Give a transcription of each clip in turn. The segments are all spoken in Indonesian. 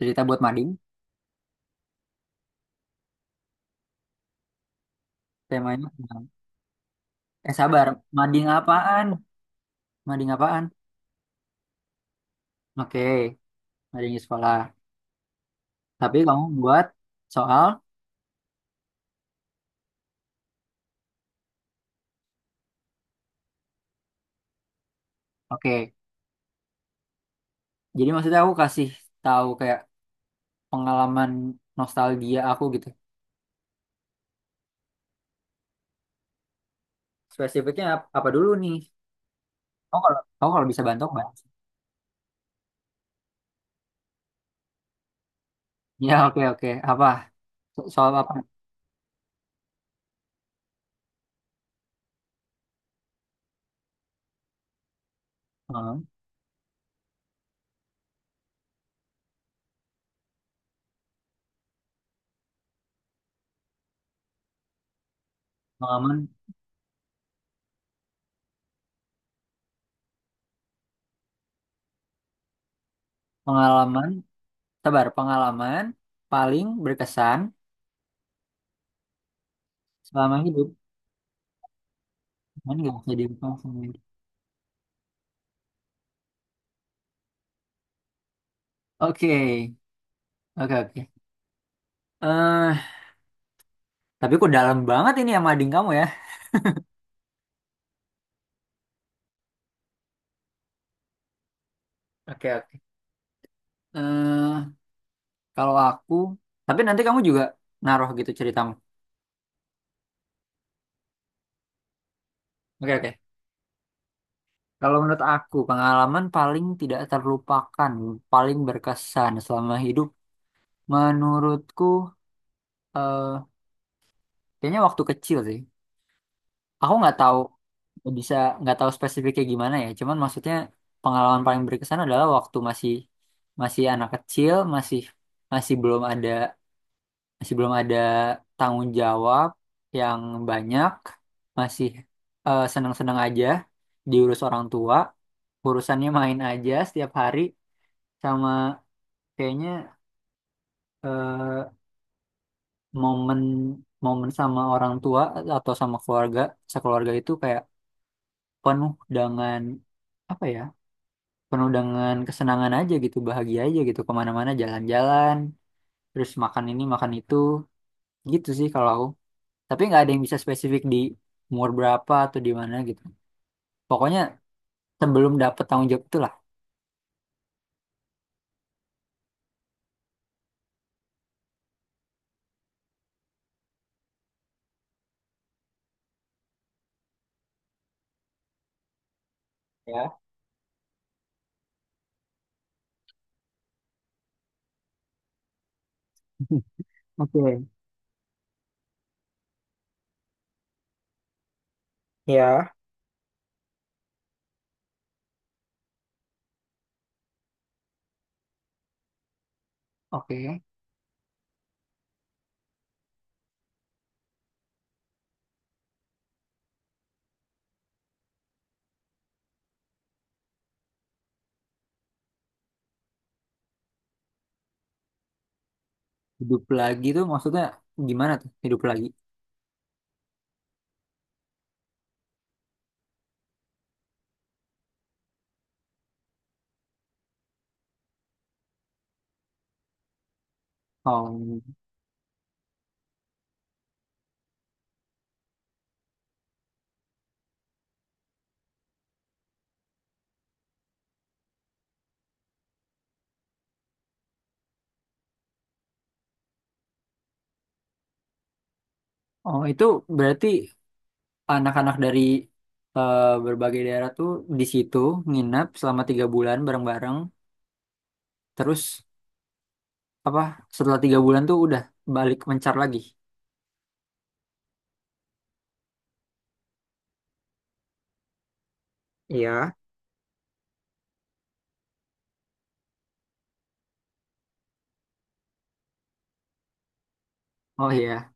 Cerita buat mading, temanya. Nah. Eh, sabar, mading apaan? Mading apaan? Oke, mading di sekolah. Tapi kamu buat soal, oke. Jadi maksudnya aku kasih tahu kayak pengalaman nostalgia aku gitu. Spesifiknya apa dulu nih? Kamu kalau bisa bantu, Mbak. Ya, oke, oke. Apa? Soal apa? Hmm, pengalaman, pengalaman, sabar, pengalaman paling berkesan selama hidup. Kan nggak bisa dilupakan. Oke, oke, oke. eh tapi kok dalam banget ini sama ading kamu, ya. Oke, oke. eh Kalau aku, tapi nanti kamu juga naruh gitu ceritamu. Oke, oke. Kalau menurut aku, pengalaman paling tidak terlupakan, paling berkesan selama hidup, menurutku, eh kayaknya waktu kecil sih. Aku nggak tahu bisa nggak tahu spesifiknya gimana, ya. Cuman maksudnya pengalaman paling berkesan adalah waktu masih masih anak kecil, masih masih belum ada. Masih belum ada tanggung jawab yang banyak, masih senang-senang aja diurus orang tua, urusannya main aja setiap hari, sama kayaknya eh, momen momen sama orang tua atau sama keluarga sekeluarga itu kayak penuh dengan, apa ya, penuh dengan kesenangan aja gitu, bahagia aja gitu, kemana-mana jalan-jalan, terus makan ini makan itu, gitu sih kalau aku. Tapi nggak ada yang bisa spesifik di umur berapa atau di mana gitu. Pokoknya sebelum dapet tanggung jawab itulah. Ya. Oke. Ya. Oke. Hidup lagi tuh maksudnya gimana tuh hidup lagi? Oh, oh itu berarti anak-anak dari berbagai daerah tuh di situ nginap selama 3 bulan bareng-bareng. Terus apa? Setelah 3 bulan tuh udah balik mencar lagi. Iya. Oh, iya,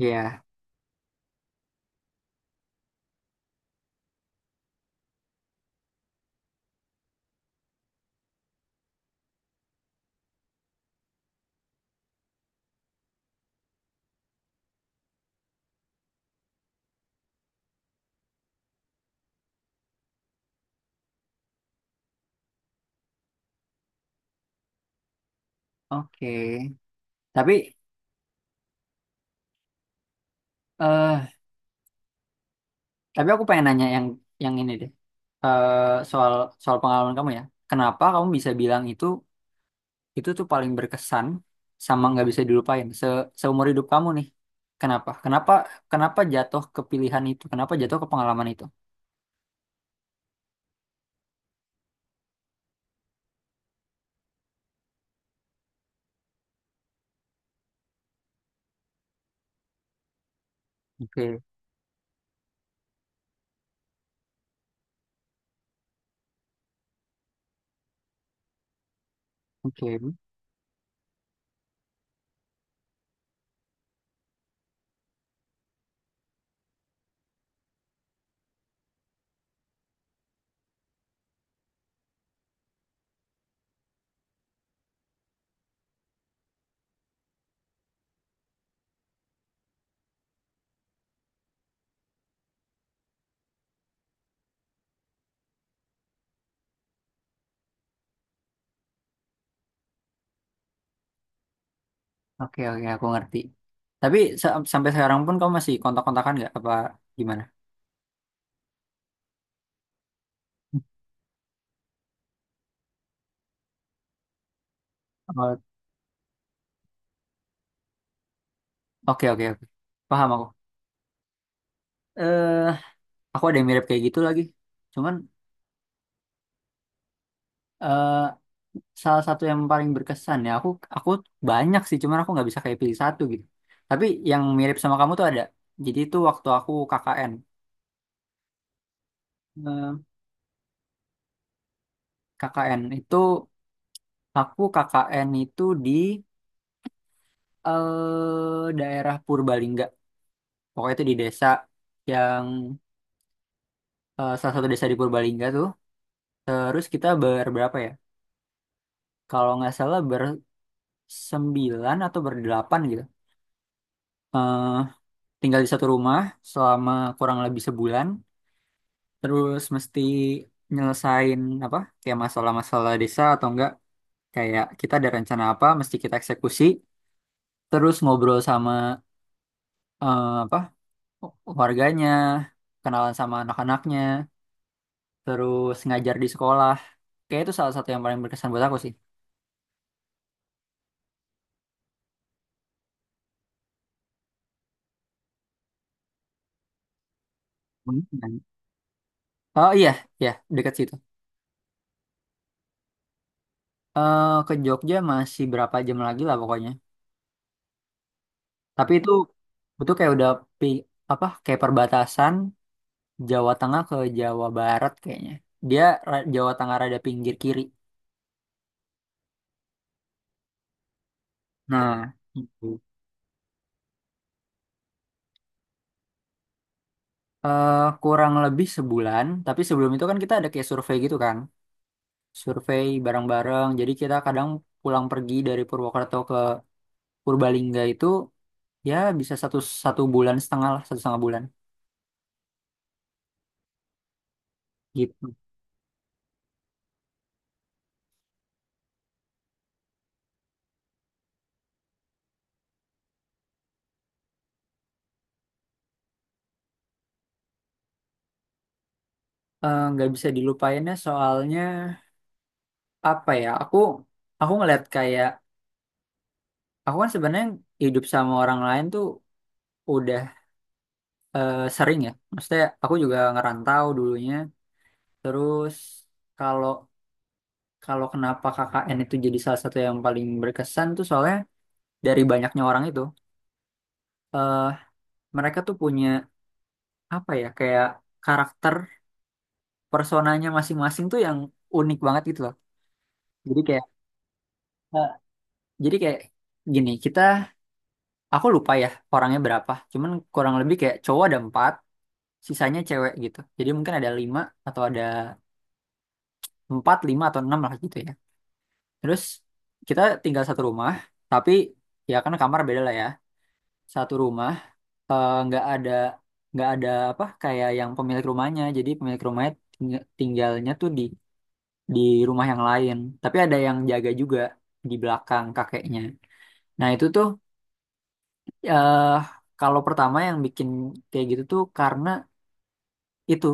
iya, oke. Tapi eh Tapi aku pengen nanya yang ini deh. Eh, soal soal pengalaman kamu, ya. Kenapa kamu bisa bilang itu tuh paling berkesan sama nggak bisa dilupain seumur hidup kamu nih? Kenapa? Kenapa jatuh ke pilihan itu? Kenapa jatuh ke pengalaman itu? Oke, oke, oke, oke, aku ngerti. Tapi sampai sekarang pun kamu masih kontak-kontakan nggak? Apa gimana? Oh, oke, oke, oke. Paham aku. Eh, aku ada yang mirip kayak gitu lagi. Cuman eh, salah satu yang paling berkesan ya aku aku banyak sih, cuman aku nggak bisa kayak pilih satu gitu, tapi yang mirip sama kamu tuh ada, jadi itu waktu aku KKN. Eh, KKN itu, aku KKN itu di daerah Purbalingga, pokoknya itu di desa yang salah satu desa di Purbalingga tuh, terus kita berberapa ya kalau nggak salah bersembilan atau berdelapan gitu eh tinggal di satu rumah selama kurang lebih sebulan, terus mesti nyelesain apa kayak masalah-masalah desa atau enggak, kayak kita ada rencana apa mesti kita eksekusi, terus ngobrol sama apa, warganya, kenalan sama anak-anaknya, terus ngajar di sekolah, kayak itu salah satu yang paling berkesan buat aku sih. Dan- oh iya, iya dekat situ. Ke Jogja masih berapa jam lagi lah pokoknya, tapi itu kayak udah pi, apa kayak perbatasan Jawa Tengah ke Jawa Barat kayaknya. Dia Jawa Tengah rada pinggir kiri. Nah, itu. Kurang lebih sebulan, tapi sebelum itu kan kita ada kayak survei gitu kan. Survei bareng-bareng. Jadi kita kadang pulang pergi dari Purwokerto ke Purbalingga itu ya bisa satu satu bulan setengah lah, satu setengah bulan gitu. Nggak bisa dilupainnya soalnya apa ya? Aku ngeliat kayak, aku kan sebenarnya hidup sama orang lain tuh udah sering, ya. Maksudnya aku juga ngerantau dulunya. Terus kalau kalau kenapa KKN itu jadi salah satu yang paling berkesan tuh soalnya dari banyaknya orang itu eh mereka tuh punya, apa ya, kayak karakter personanya masing-masing tuh yang unik banget gitu loh. Jadi kayak eh, jadi kayak gini, kita aku lupa ya orangnya berapa. Cuman kurang lebih kayak cowok ada empat, sisanya cewek gitu. Jadi mungkin ada lima atau ada empat, lima atau enam lah gitu ya. Terus kita tinggal satu rumah, tapi ya kan kamar beda lah ya. Satu rumah nggak ada apa kayak yang pemilik rumahnya. Jadi pemilik rumahnya tinggalnya tuh di di rumah yang lain. Tapi ada yang jaga juga di belakang kakeknya. Nah, itu tuh eh kalau pertama yang bikin kayak gitu tuh karena itu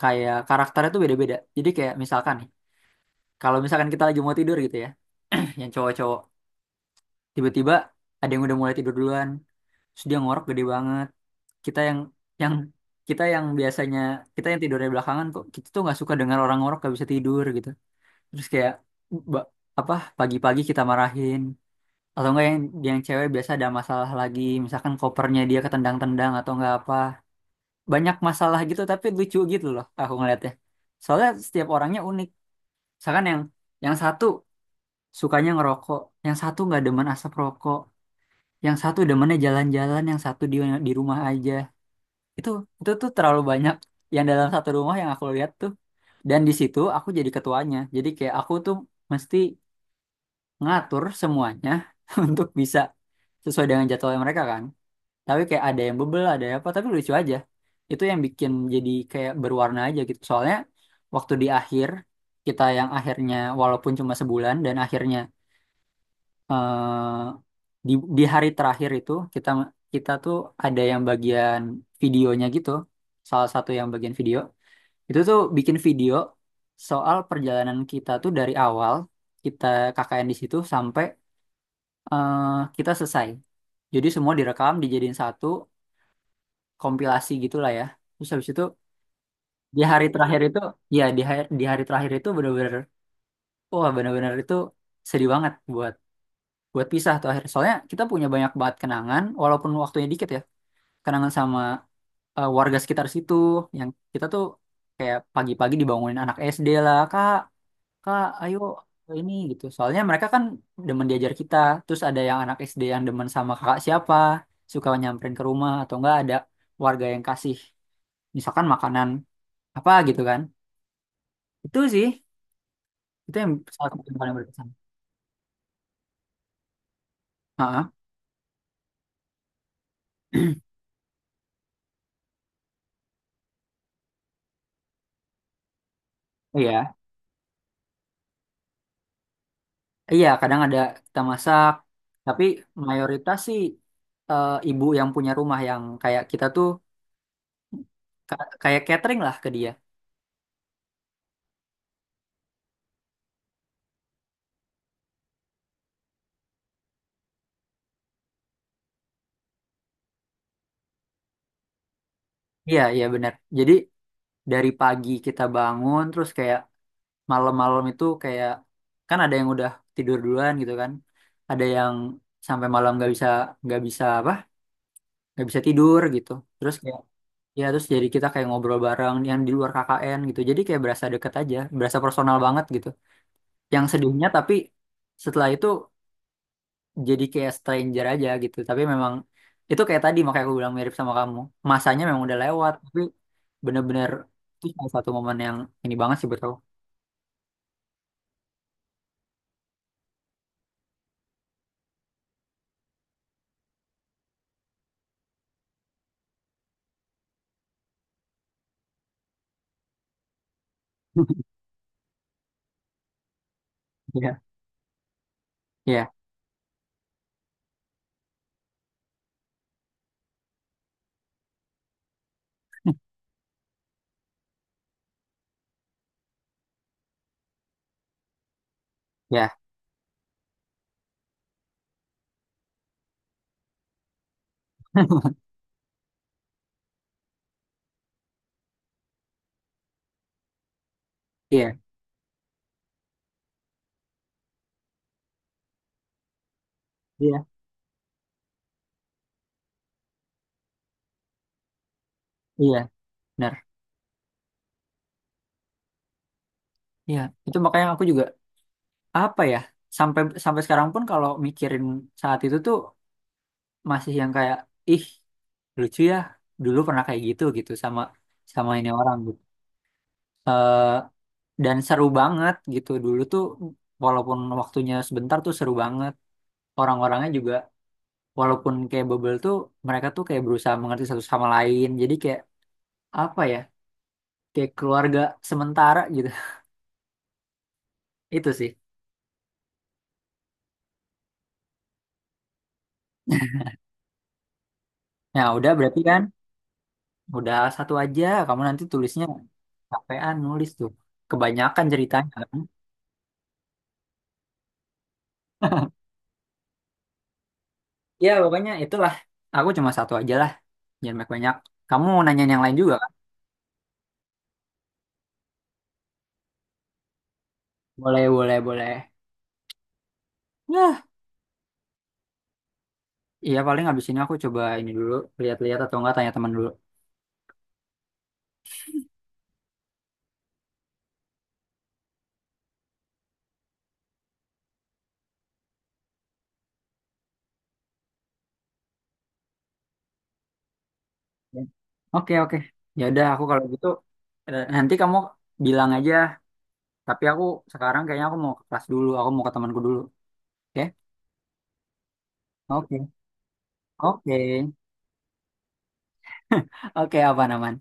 kayak karakternya tuh beda-beda. Jadi kayak misalkan nih, kalau misalkan kita lagi mau tidur gitu ya, yang cowok-cowok. Tiba-tiba ada yang udah mulai tidur duluan, terus dia ngorok gede banget, kita yang yang kita yang biasanya, kita yang tidurnya belakangan, kok kita tuh nggak suka dengar orang ngorok, gak bisa tidur gitu, terus kayak ba- apa, pagi-pagi kita marahin, atau enggak yang cewek biasa ada masalah lagi, misalkan kopernya dia ketendang-tendang atau enggak apa, banyak masalah gitu tapi lucu gitu loh aku ngeliatnya, soalnya setiap orangnya unik. Misalkan yang satu sukanya ngerokok, yang satu nggak demen asap rokok, yang satu demennya jalan-jalan, yang satu di rumah aja, itu tuh terlalu banyak yang dalam satu rumah yang aku lihat tuh. Dan di situ aku jadi ketuanya, jadi kayak aku tuh mesti ngatur semuanya untuk bisa sesuai dengan jadwalnya mereka kan, tapi kayak ada yang bebel ada yang apa, tapi lucu aja, itu yang bikin jadi kayak berwarna aja gitu. Soalnya waktu di akhir, kita yang akhirnya walaupun cuma sebulan, dan akhirnya eh, di hari terakhir itu kita kita tuh ada yang bagian videonya gitu. Salah satu yang bagian video itu tuh bikin video soal perjalanan kita tuh dari awal kita KKN di situ sampai eh, kita selesai. Jadi semua direkam dijadiin satu kompilasi gitulah ya. Terus habis itu di hari terakhir itu, ya di hari terakhir itu bener-bener, wah, bener-bener itu sedih banget buat buat pisah tuh akhirnya. Soalnya kita punya banyak banget kenangan, walaupun waktunya dikit ya. Kenangan sama warga sekitar situ, yang kita tuh kayak pagi-pagi dibangunin anak SD lah, kak, kak, ayo ini gitu. Soalnya mereka kan demen diajar kita, terus ada yang anak SD yang demen sama kakak siapa, suka nyamperin ke rumah, atau enggak ada warga yang kasih, misalkan makanan apa gitu kan. Itu sih, itu yang salah satu yang paling berkesan. Heeh. Iya. Iya, kadang ada kita masak, tapi mayoritas sih ibu yang punya rumah yang kayak kita tuh kayak catering lah ke dia. Iya, iya benar. Jadi dari pagi kita bangun, terus kayak malam-malam itu kayak kan ada yang udah tidur duluan gitu kan, ada yang sampai malam nggak bisa apa nggak bisa tidur gitu. Terus kayak, ya terus jadi kita kayak ngobrol bareng yang di luar KKN gitu. Jadi kayak berasa deket aja, berasa personal banget gitu. Yang sedihnya tapi setelah itu jadi kayak stranger aja gitu, tapi memang itu kayak tadi makanya aku bilang mirip sama kamu, masanya memang udah lewat tapi bener-bener itu salah satu momen yang ini banget sih buat aku. Iya, iya, iya, iya, iya, iya, benar. Iya, itu makanya aku juga apa ya, sampai sampai sekarang pun kalau mikirin saat itu tuh masih yang kayak, ih, lucu ya dulu pernah kayak gitu gitu sama sama ini orang gitu. Eh, dan seru banget gitu dulu tuh, walaupun waktunya sebentar tuh seru banget, orang-orangnya juga walaupun kayak bubble tuh, mereka tuh kayak berusaha mengerti satu sama lain jadi kayak, apa ya, kayak keluarga sementara gitu. Itu sih. Nah, udah berarti kan udah satu aja kamu, nanti tulisnya capean nulis tuh, kebanyakan ceritanya kan. Ya pokoknya itulah, aku cuma satu aja lah, jangan banyak-banyak, kamu mau nanyain yang lain juga kan. Boleh, boleh, boleh, ya. Iya paling abis ini aku coba ini dulu, lihat-lihat atau enggak tanya teman dulu. Ya. Oke, oke. Ya udah aku kalau gitu nanti kamu bilang aja. Tapi aku sekarang kayaknya aku mau ke kelas dulu. Aku mau ke temanku dulu. Oke, oke, oke. Oke, apa namanya?